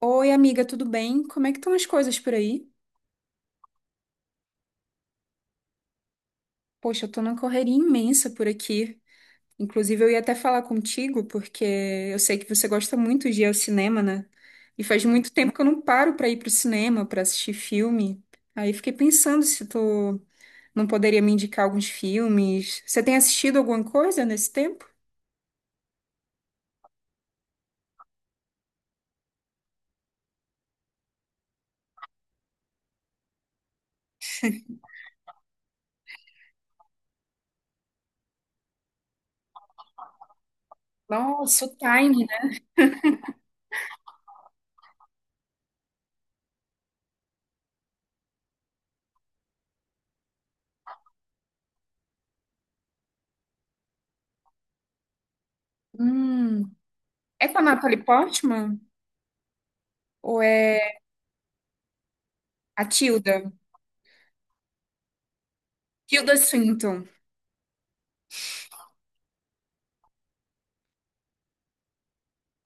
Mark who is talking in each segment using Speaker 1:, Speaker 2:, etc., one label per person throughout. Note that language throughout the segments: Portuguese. Speaker 1: Oi, amiga, tudo bem? Como é que estão as coisas por aí? Poxa, eu tô numa correria imensa por aqui. Inclusive, eu ia até falar contigo, porque eu sei que você gosta muito de ir ao cinema, né? E faz muito tempo que eu não paro pra ir pro cinema, pra assistir filme. Aí fiquei pensando se tu não poderia me indicar alguns filmes. Você tem assistido alguma coisa nesse tempo? Nossa, o Tiny, né? Hum. É com a Natalie Portman? Ou é a Tilda? Tilda Swinton.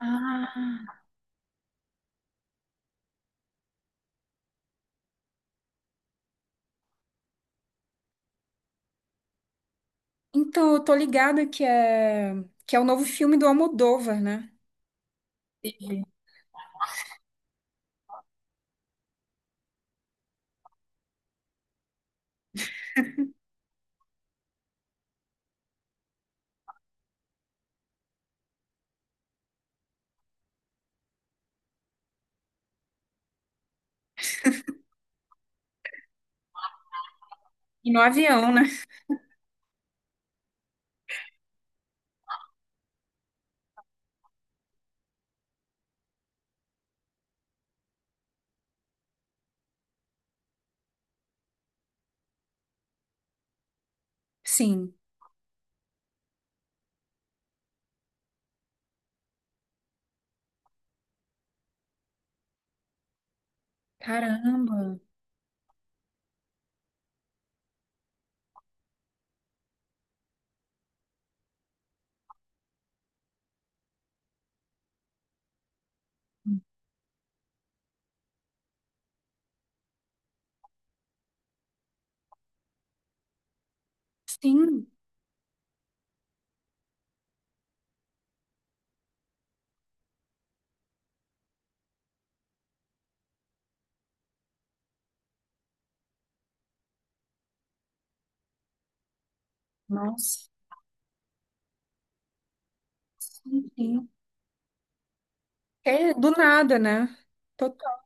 Speaker 1: Ah. Então, eu tô ligada que é o novo filme do Almodóvar, né? E no avião, né? Sim. Caramba. Sim. Nossa. Sim, sim. É do nada, né? Total.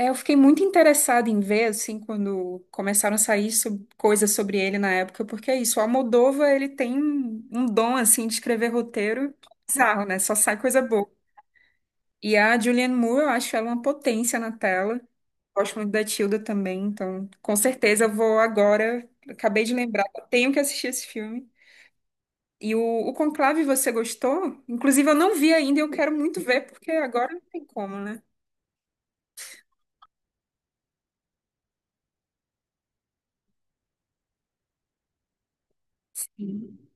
Speaker 1: É, eu fiquei muito interessada em ver, assim, quando começaram a sair coisas sobre ele na época, porque é isso, o Almodóvar, ele tem um dom, assim, de escrever roteiro bizarro, né? Só sai coisa boa. E a Julianne Moore, eu acho ela uma potência na tela. Gosto muito da Tilda também, então com certeza eu vou agora. Acabei de lembrar, eu tenho que assistir esse filme. E o, o Conclave, você gostou? Inclusive, eu não vi ainda e eu quero muito ver, porque agora não tem como, né? Sim.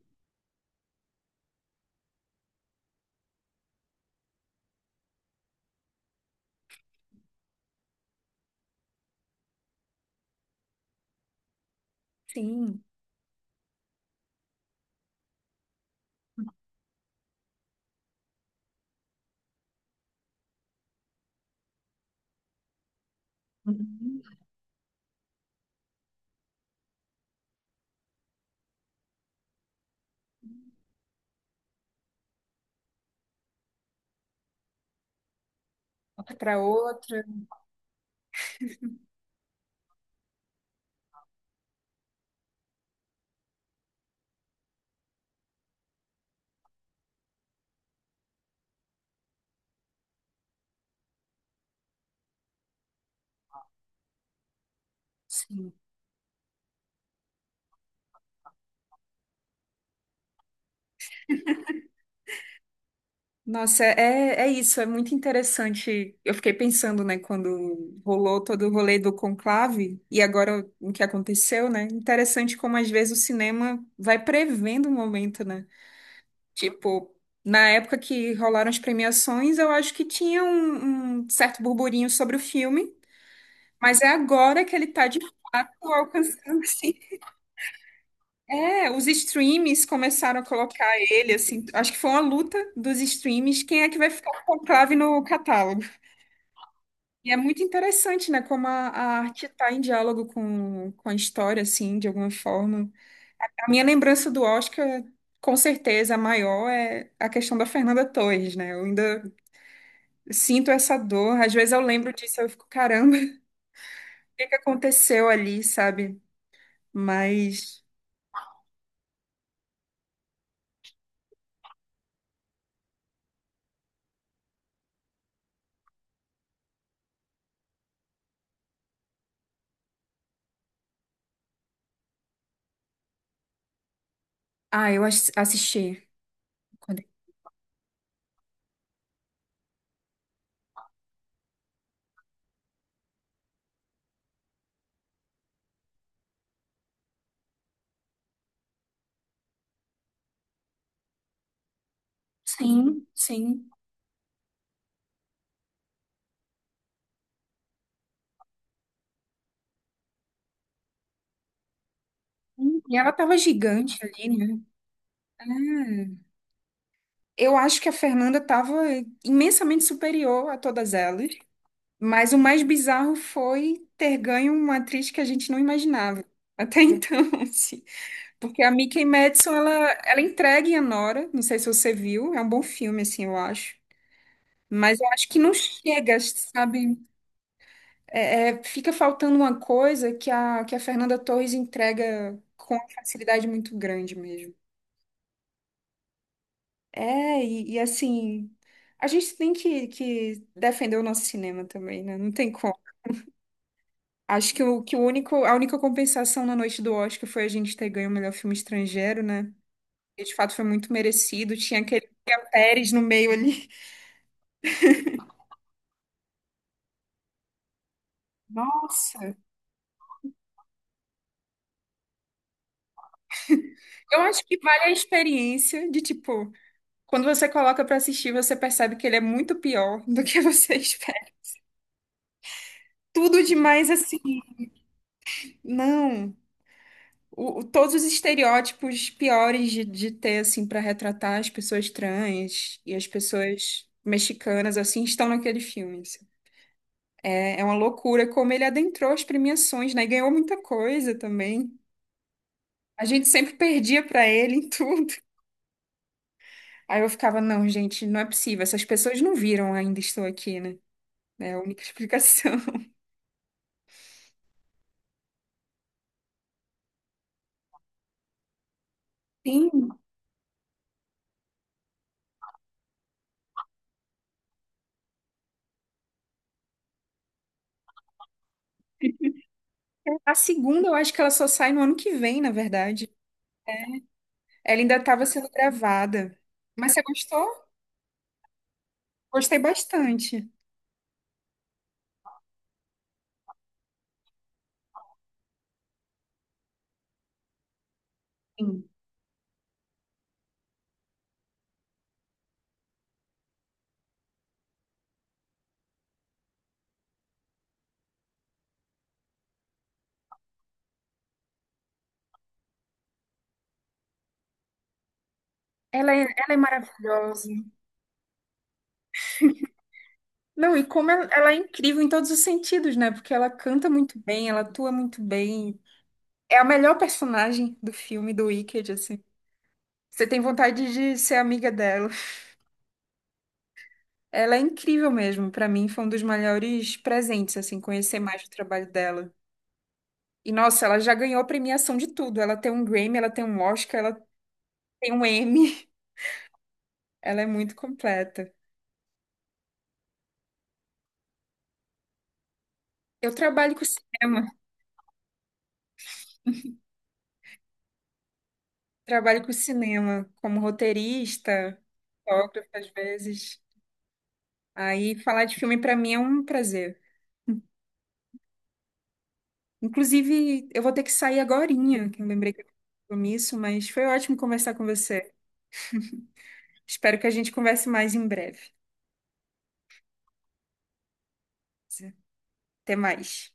Speaker 1: Sim. Uhum. Outra pra outra. Sim. Nossa, é isso, é muito interessante. Eu fiquei pensando, né, quando rolou todo o rolê do conclave e agora o que aconteceu, né? Interessante como às vezes o cinema vai prevendo o momento, né? Tipo, na época que rolaram as premiações, eu acho que tinha um certo burburinho sobre o filme, mas é agora que ele tá de fato alcançando, assim. É, os streams começaram a colocar ele, assim. Acho que foi uma luta dos streams, quem é que vai ficar com o conclave no catálogo? E é muito interessante, né, como a arte está em diálogo com a história, assim, de alguma forma. A minha lembrança do Oscar, com certeza, a maior é a questão da Fernanda Torres, né? Eu ainda sinto essa dor. Às vezes eu lembro disso, eu fico, caramba, o que que aconteceu ali, sabe? Mas, ah, eu assisti. Quando. Sim, sim. E ela tava gigante ali, né? Ah, eu acho que a Fernanda tava imensamente superior a todas elas. Mas o mais bizarro foi ter ganho uma atriz que a gente não imaginava. Até então, assim. Porque a Mikey Madison, ela entrega em Anora. Não sei se você viu. É um bom filme, assim, eu acho. Mas eu acho que não chega, sabe? Fica faltando uma coisa que a Fernanda Torres entrega com uma facilidade muito grande mesmo. É, e assim. A gente tem que defender o nosso cinema também, né? Não tem como. Acho que o único, a única compensação na noite do Oscar foi a gente ter ganho o melhor filme estrangeiro, né? E de fato foi muito merecido. Tinha aquele Guia Pérez no meio ali. Nossa! Eu acho que vale a experiência de tipo, quando você coloca pra assistir, você percebe que ele é muito pior do que você espera. Tudo demais assim. Não. Todos os estereótipos piores de ter, assim, pra retratar as pessoas trans e as pessoas mexicanas, assim, estão naquele filme. Assim. É, é uma loucura como ele adentrou as premiações, né? E ganhou muita coisa também. A gente sempre perdia pra ele em tudo. Aí eu ficava, não, gente, não é possível. Essas pessoas não viram ainda estou aqui, né? É a única explicação. Sim, a segunda eu acho que ela só sai no ano que vem, na verdade. Ela ainda estava sendo gravada. Mas você gostou? Gostei bastante. Sim. Ela é maravilhosa. Não, e como ela é incrível em todos os sentidos, né? Porque ela canta muito bem, ela atua muito bem, é a melhor personagem do filme do Wicked, assim. Você tem vontade de ser amiga dela. Ela é incrível mesmo. Pra mim, foi um dos maiores presentes, assim, conhecer mais o trabalho dela. E, nossa, ela já ganhou premiação de tudo. Ela tem um Grammy, ela tem um Oscar, ela tem um Emmy. Ela é muito completa. Eu trabalho com cinema. Trabalho com cinema como roteirista, fotógrafa, às vezes. Aí, falar de filme pra mim é um prazer. Inclusive, eu vou ter que sair agorinha, que eu lembrei que eu tinha um compromisso, mas foi ótimo conversar com você. Espero que a gente converse mais em breve. Até mais.